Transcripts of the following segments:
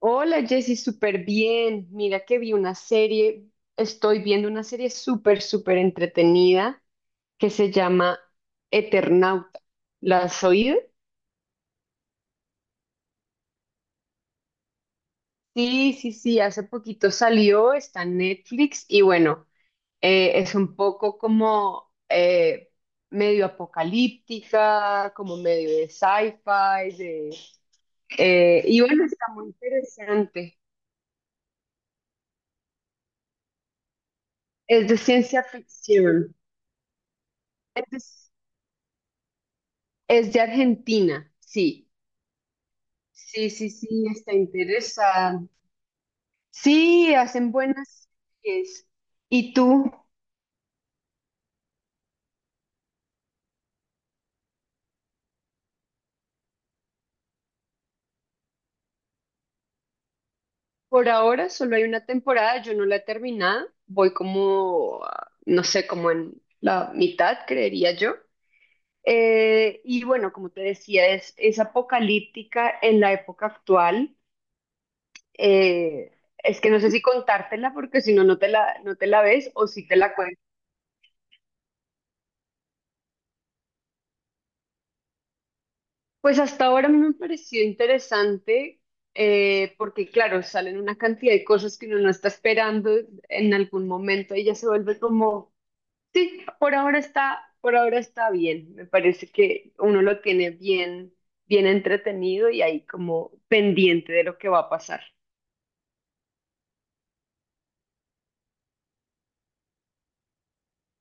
Hola Jessy, súper bien. Mira que vi una serie, estoy viendo una serie súper entretenida que se llama Eternauta. ¿La has oído? Sí, sí, sí, hace poquito salió, está en Netflix y bueno, es un poco como medio apocalíptica, como medio de sci-fi, de, y bueno, está muy interesante. Es de ciencia ficción. Es es de Argentina, sí. Sí, sí, sí, está interesante. Sí, hacen buenas series. ¿Y tú? Por ahora solo hay una temporada, yo no la he terminado, voy como, ah, no sé, como en la mitad, creería yo. Y bueno, como te decía, es apocalíptica en la época actual. Eh, es que no sé si contártela porque si no, no te la ves o si te la cuento. Pues hasta ahora a mí me pareció interesante porque, claro, salen una cantidad de cosas que uno no está esperando en algún momento y ya se vuelve como, sí, por ahora está bien. Me parece que uno lo tiene bien, bien entretenido y ahí como pendiente de lo que va a pasar.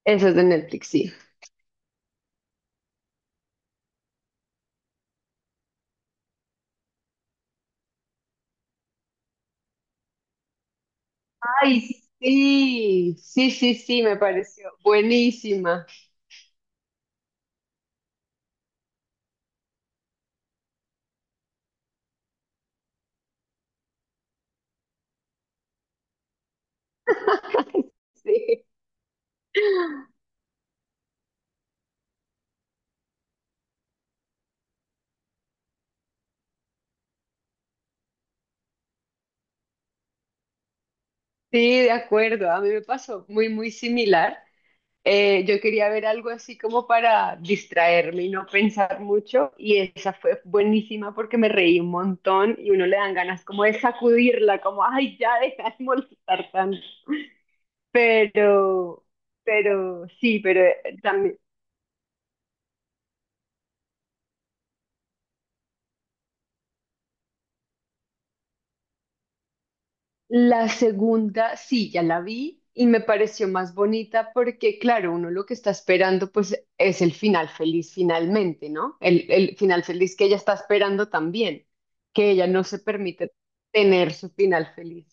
Eso es de Netflix, sí. Ay, sí, sí, sí, sí, me pareció buenísima. Sí, sí, de acuerdo. A mí me pasó muy similar. Yo quería ver algo así como para distraerme y no pensar mucho y esa fue buenísima porque me reí un montón y uno le dan ganas como de sacudirla, como, ay, ya deja de molestar tanto. Pero, pero sí, pero también. La segunda, sí, ya la vi y me pareció más bonita porque, claro, uno lo que está esperando pues es el final feliz finalmente, ¿no? El final feliz que ella está esperando también, que ella no se permite tener su final feliz.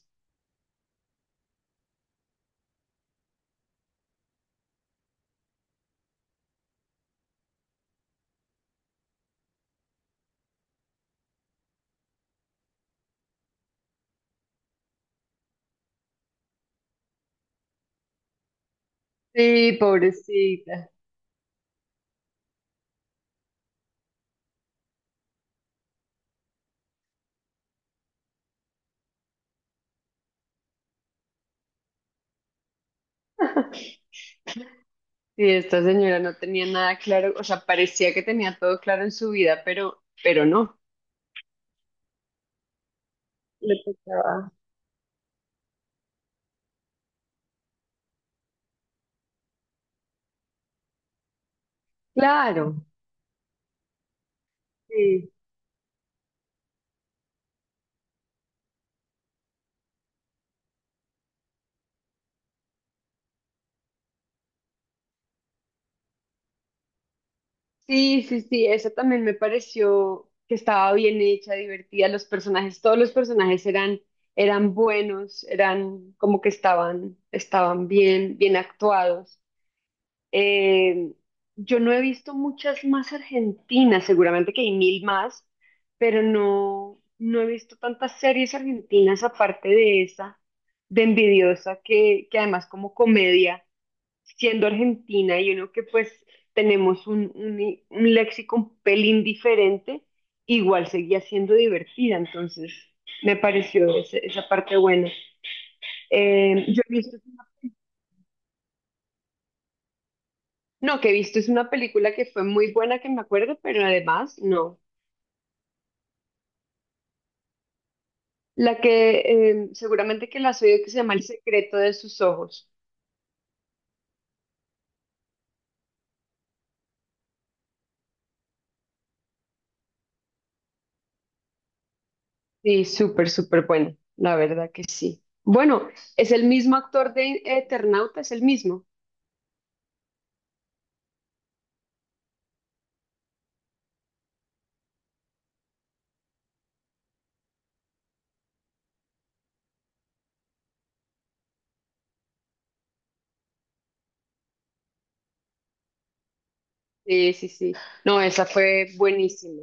Sí, pobrecita. Sí, esta señora no tenía nada claro, o sea, parecía que tenía todo claro en su vida, pero no. Le tocaba. Claro. Sí. Sí, sí, sí, esa también me pareció que estaba bien hecha, divertida. Los personajes, todos los personajes eran buenos, eran como que estaban bien, bien actuados. Eh, yo no he visto muchas más argentinas, seguramente que hay mil más, pero no, no he visto tantas series argentinas aparte de esa, de Envidiosa, que además como comedia siendo argentina y uno que pues tenemos un léxico un pelín diferente, igual seguía siendo divertida, entonces me pareció esa parte buena. Yo he visto, no, que he visto es una película que fue muy buena que me acuerdo, pero además no. La que seguramente que la has oído que se llama El secreto de sus ojos. Sí, súper, súper buena, la verdad que sí. Bueno, es el mismo actor de Eternauta, es el mismo. Sí, sí, sí. No, esa fue buenísima.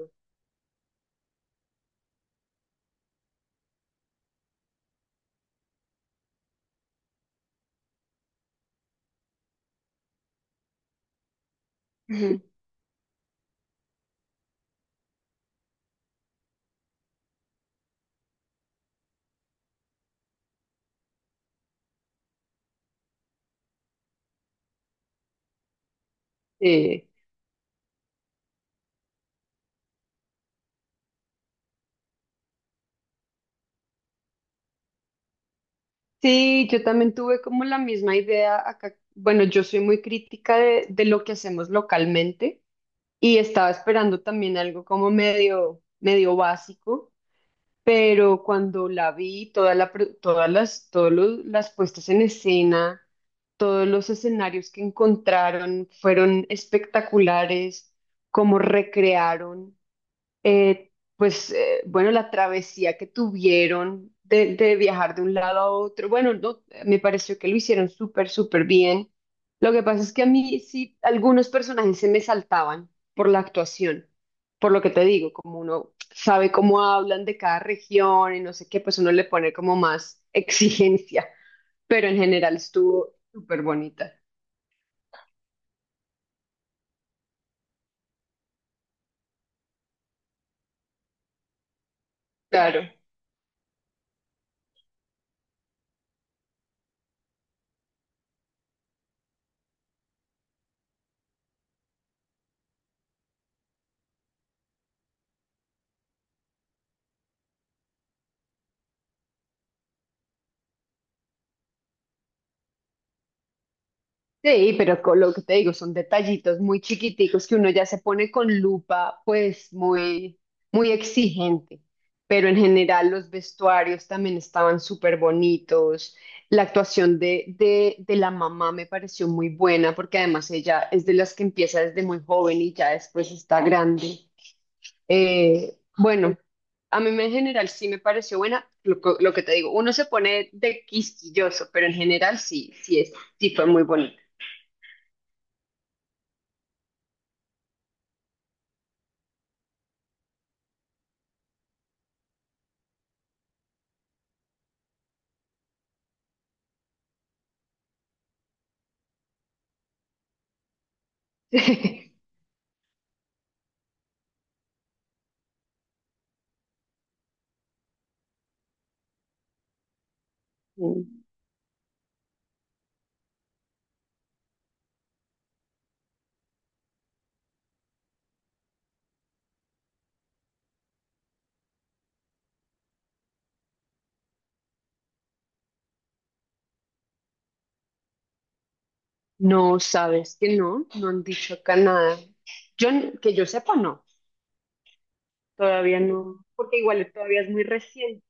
Ujú. Eh, sí, yo también tuve como la misma idea acá. Bueno, yo soy muy crítica de lo que hacemos localmente y estaba esperando también algo como medio, medio básico, pero cuando la vi, todas las, las puestas en escena, todos los escenarios que encontraron fueron espectaculares, como recrearon. Eh, pues bueno, la travesía que tuvieron de viajar de un lado a otro, bueno, no, me pareció que lo hicieron súper, súper bien. Lo que pasa es que a mí sí, algunos personajes se me saltaban por la actuación, por lo que te digo, como uno sabe cómo hablan de cada región y no sé qué, pues uno le pone como más exigencia, pero en general estuvo súper bonita. Claro. Sí, pero con lo que te digo, son detallitos muy chiquiticos que uno ya se pone con lupa, pues muy, muy exigente. Pero en general los vestuarios también estaban súper bonitos. La actuación de la mamá me pareció muy buena porque además ella es de las que empieza desde muy joven y ya después está grande. Bueno, en general sí me pareció buena. Lo que te digo, uno se pone de quisquilloso, pero en general sí es, sí fue muy bonito. No, sabes que no, no han dicho acá nada. Yo, que yo sepa, no, todavía no, porque igual todavía es muy reciente.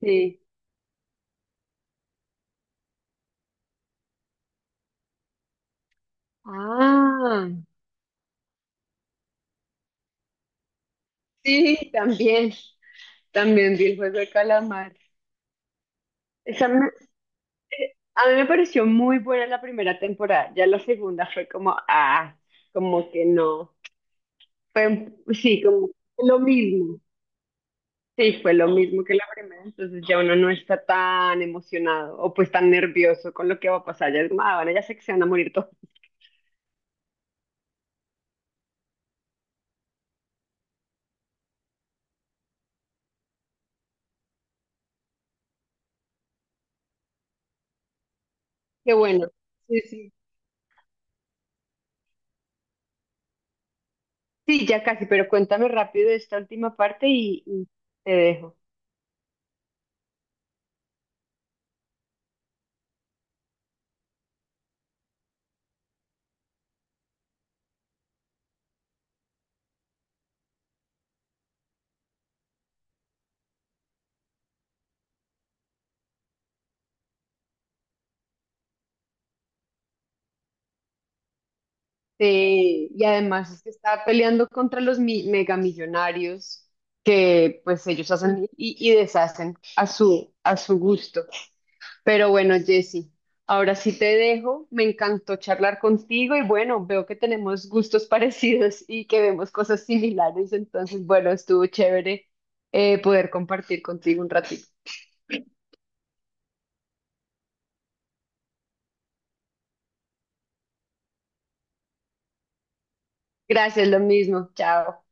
Sí. Ah, sí, también, también vi el juego de calamar. Esa me- a mí me pareció muy buena la primera temporada, ya la segunda fue como, ah, como que no. Sí, como lo mismo. Sí, fue lo mismo que la primera, entonces ya uno no está tan emocionado o pues tan nervioso con lo que va a pasar, ya es como, ah, bueno, ya sé que se van a morir todos. Qué bueno, sí, sí, sí, ya casi, pero cuéntame rápido esta última parte y te dejo. Sí, y además es que está peleando contra megamillonarios que pues ellos hacen y deshacen a su gusto. Pero bueno, Jessy, ahora sí te dejo. Me encantó charlar contigo y bueno, veo que tenemos gustos parecidos y que vemos cosas similares. Entonces, bueno, estuvo chévere poder compartir contigo un ratito. Gracias, lo mismo. Chao.